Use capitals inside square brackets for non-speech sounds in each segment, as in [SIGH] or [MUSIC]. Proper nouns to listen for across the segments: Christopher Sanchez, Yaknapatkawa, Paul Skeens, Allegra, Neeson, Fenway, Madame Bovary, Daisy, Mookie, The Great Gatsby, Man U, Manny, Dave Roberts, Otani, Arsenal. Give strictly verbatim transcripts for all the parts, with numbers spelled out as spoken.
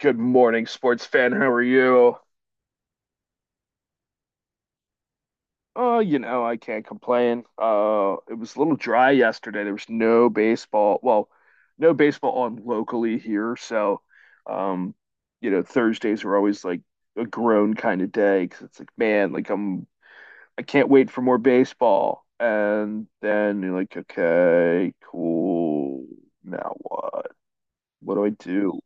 Good morning, sports fan. How are you? Oh, you know, I can't complain. Uh, it was a little dry yesterday. There was no baseball. Well, no baseball on locally here, so um, you know, Thursdays are always like a grown kind of day because it's like, man, like I'm, I can't wait for more baseball. And then you're like, okay, cool. Now what? What do I do?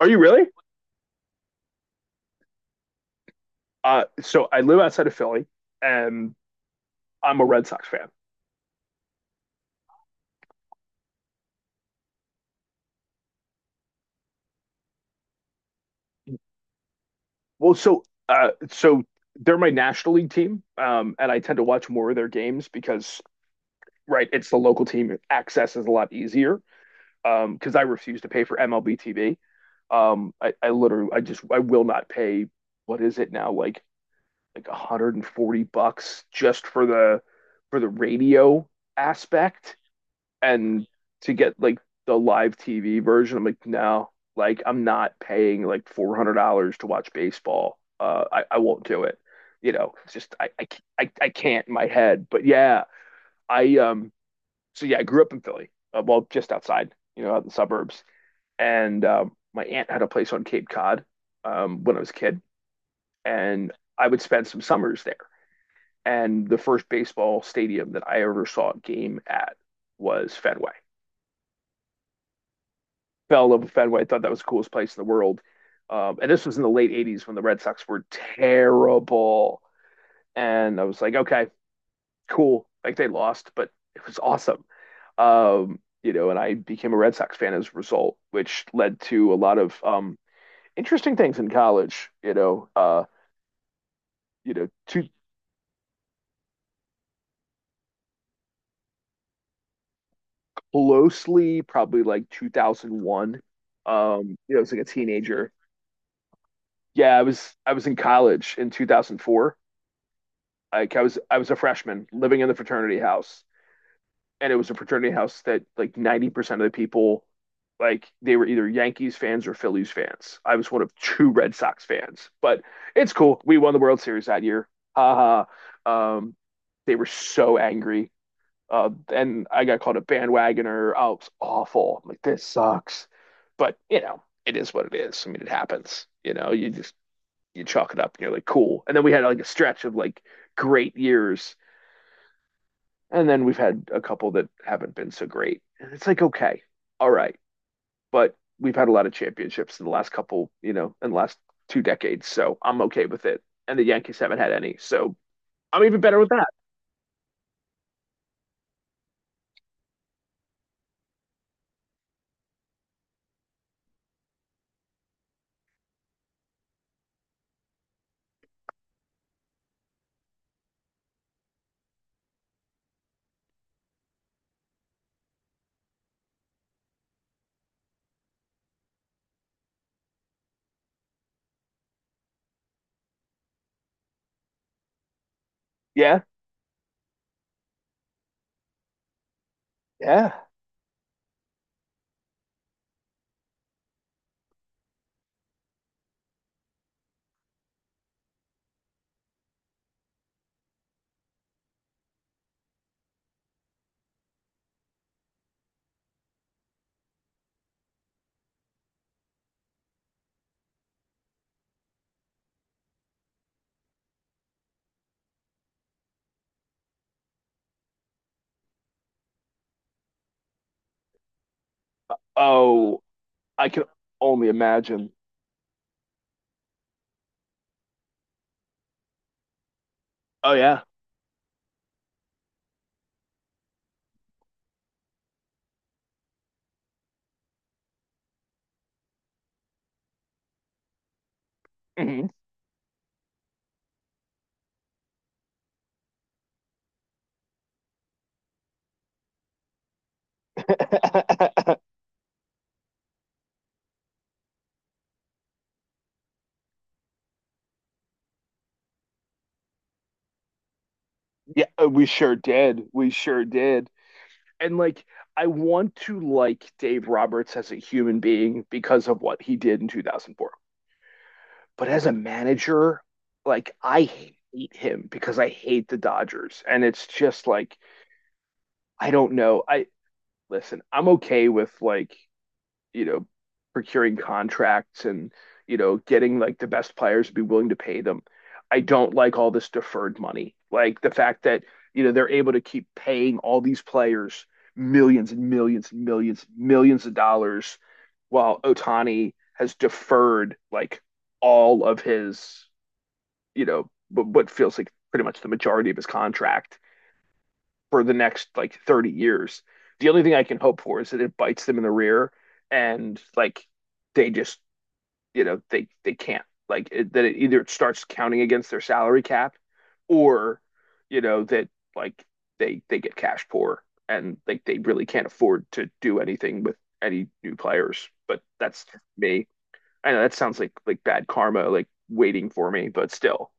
Are you really? Uh, so I live outside of Philly, and I'm a Red Sox fan. Well, so uh, so they're my National League team, um, and I tend to watch more of their games because, right, it's the local team. Access is a lot easier um, because I refuse to pay for M L B T V. Um, I, I literally, I just, I will not pay. What is it now? Like like one hundred forty bucks just for the for the radio aspect and to get like the live T V version, I'm like, no, like I'm not paying like four hundred dollars to watch baseball. Uh, I, I won't do it. You know, it's just I, I, I I can't in my head. But yeah, I um so yeah, I grew up in Philly. Uh, well, just outside, you know, out in the suburbs. And um, my aunt had a place on Cape Cod um, when I was a kid, and I would spend some summers there. And the first baseball stadium that I ever saw a game at was Fenway. Fell in love with Fenway. I thought that was the coolest place in the world. Um, and this was in the late eighties when the Red Sox were terrible, and I was like, okay, cool. Like they lost, but it was awesome. Um, you know, and I became a Red Sox fan as a result, which led to a lot of um, interesting things in college. You know, uh, you know, too closely, probably like two thousand one. Um, you know, I was like a teenager. Yeah, I was I was in college in two thousand four. Like I was I was a freshman living in the fraternity house, and it was a fraternity house that like ninety percent of the people, like they were either Yankees fans or Phillies fans. I was one of two Red Sox fans, but it's cool. We won the World Series that year. Ha. Um, they were so angry. Uh, and I got called a bandwagoner. Oh, it's awful. I'm like, this sucks. But, you know, it is what it is. I mean, it happens. You know, you just you chalk it up and you're like, cool. And then we had like a stretch of like great years and then we've had a couple that haven't been so great. And it's like, okay, all right. But we've had a lot of championships in the last couple, you know, in the last two decades. So I'm okay with it. And the Yankees haven't had any. So I'm even better with that. Yeah. Yeah. Oh, I can only imagine. Oh, yeah. Mhm. [LAUGHS] Yeah, uh, we sure did. We sure did. And like, I want to like Dave Roberts as a human being because of what he did in two thousand four. But as a manager, like I hate him because I hate the Dodgers. And it's just like, I don't know. I listen, I'm okay with like, you know, procuring contracts and, you know, getting like the best players to be willing to pay them. I don't like all this deferred money. Like the fact that, you know, they're able to keep paying all these players millions and millions and millions, millions of dollars while Otani has deferred like all of his, you know, but what feels like pretty much the majority of his contract for the next like thirty years. The only thing I can hope for is that it bites them in the rear and like they just, you know, they they can't like it, that it either it starts counting against their salary cap or you know that like they they get cash poor and like they really can't afford to do anything with any new players. But that's me. I know that sounds like like bad karma, like waiting for me, but still.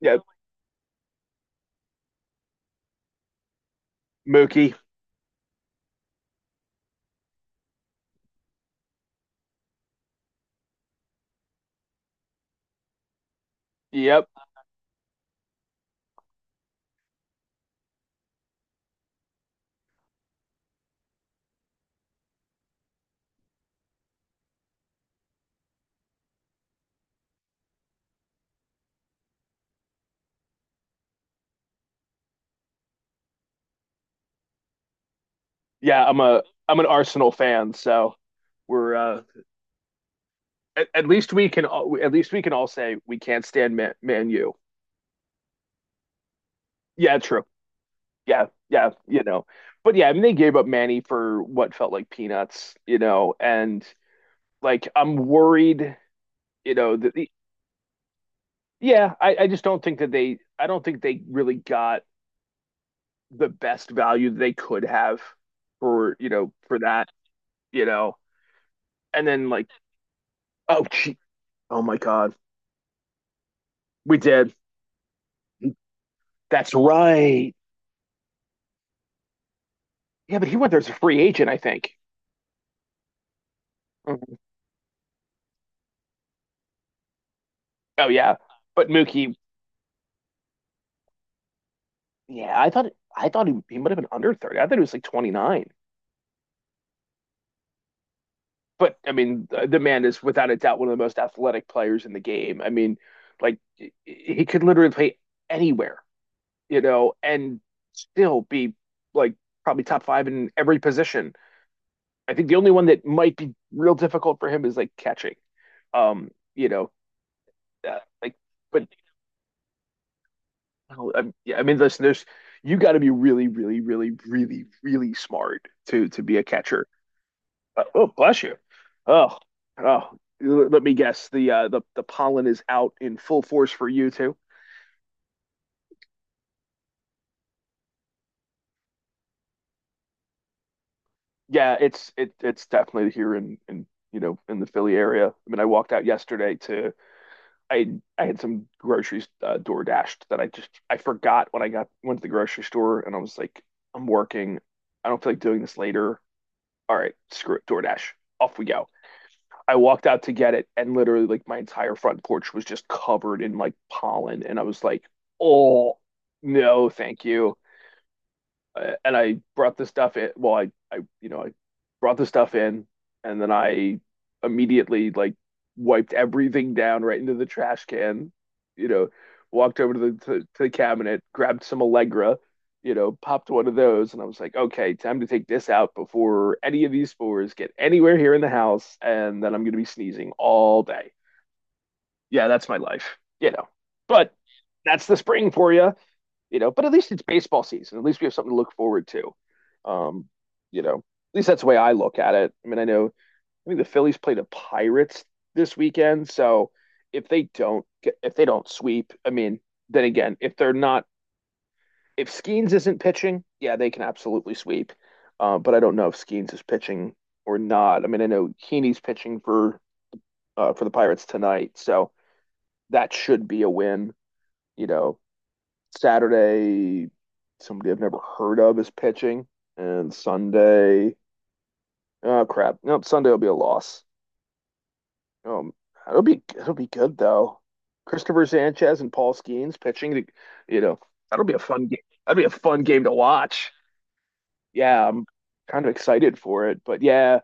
Yeah, Mookie. Yep. Yeah, I'm a I'm an Arsenal fan, so we're uh at, at least we can all, at least we can all say we can't stand Man, Man U. Yeah, true. Yeah, yeah, you know. But yeah, I mean they gave up Manny for what felt like peanuts, you know, and like I'm worried, you know, that the yeah, I, I just don't think that they I don't think they really got the best value that they could have for, you know, for that, you know. And then like, oh gee, oh my God. We did. He that's right. Yeah, but he went there as a free agent, I think. Mhm. Oh yeah, but Mookie, yeah, I thought I thought he, he might have been under thirty. I thought he was like twenty nine. But I mean, the, the man is without a doubt one of the most athletic players in the game. I mean, like he he could literally play anywhere, you know, and still be like probably top five in every position. I think the only one that might be real difficult for him is like catching. Um, you know, uh, like but oh, I, yeah, I mean, listen, there's you got to be really, really, really, really, really smart to to be a catcher. Uh, oh, bless you. Oh, oh. L- Let me guess. The uh, the the pollen is out in full force for you too. Yeah, it's it it's definitely here in in you know in the Philly area. I mean, I walked out yesterday to I I had some groceries uh, door dashed that I just I forgot when I got went to the grocery store and I was like, I'm working. I don't feel like doing this later. All right, screw it, DoorDash. Off we go. I walked out to get it, and literally, like, my entire front porch was just covered in like pollen. And I was like, oh, no, thank you uh, and I brought the stuff in. Well, I, I, you know, I brought the stuff in, and then I immediately like wiped everything down right into the trash can. You know, walked over to the to, to the cabinet, grabbed some Allegra, you know, popped one of those, and I was like, okay, time to take this out before any of these spores get anywhere here in the house, and then I'm gonna be sneezing all day. Yeah, that's my life, you know. But that's the spring for you, you know, but at least it's baseball season. At least we have something to look forward to. Um, you know, at least that's the way I look at it. I mean, I know I think the Phillies play the Pirates this weekend, so if they don't get, if they don't sweep, I mean, then again, if they're not if Skeens isn't pitching, yeah, they can absolutely sweep. Uh, but I don't know if Skeens is pitching or not. I mean, I know Heaney's pitching for uh, for the Pirates tonight, so that should be a win. You know, Saturday, somebody I've never heard of is pitching, and Sunday, oh crap, nope, Sunday will be a loss. Um, It'll be it'll be good though. Christopher Sanchez and Paul Skeens pitching. To, you know, that'll be a fun game. That'll be a fun game to watch. Yeah, I'm kind of excited for it, but yeah,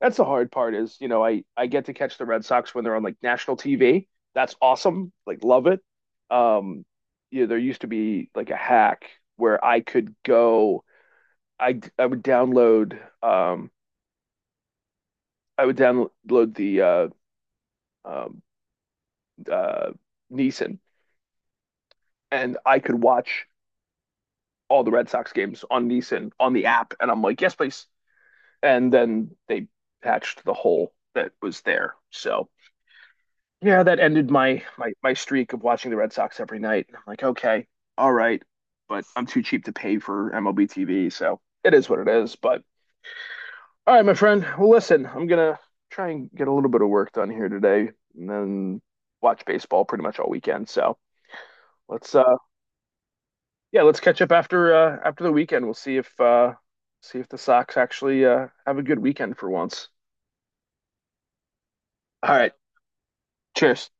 that's the hard part is, you know, I I get to catch the Red Sox when they're on like national T V. That's awesome. Like love it. Um, you know, there used to be like a hack where I could go I I would download um I would download the uh um uh Neeson and I could watch all the Red Sox games on Neeson on the app and I'm like, yes, please. And then they patched the hole that was there. So yeah, that ended my my my streak of watching the Red Sox every night. I'm like, okay, all right, but I'm too cheap to pay for M L B T V, so it is what it is. But all right, my friend. Well, listen, I'm gonna try and get a little bit of work done here today, and then watch baseball pretty much all weekend. So let's, uh, yeah, let's catch up after uh, after the weekend. We'll see if uh, see if the Sox actually uh, have a good weekend for once. All right. Cheers.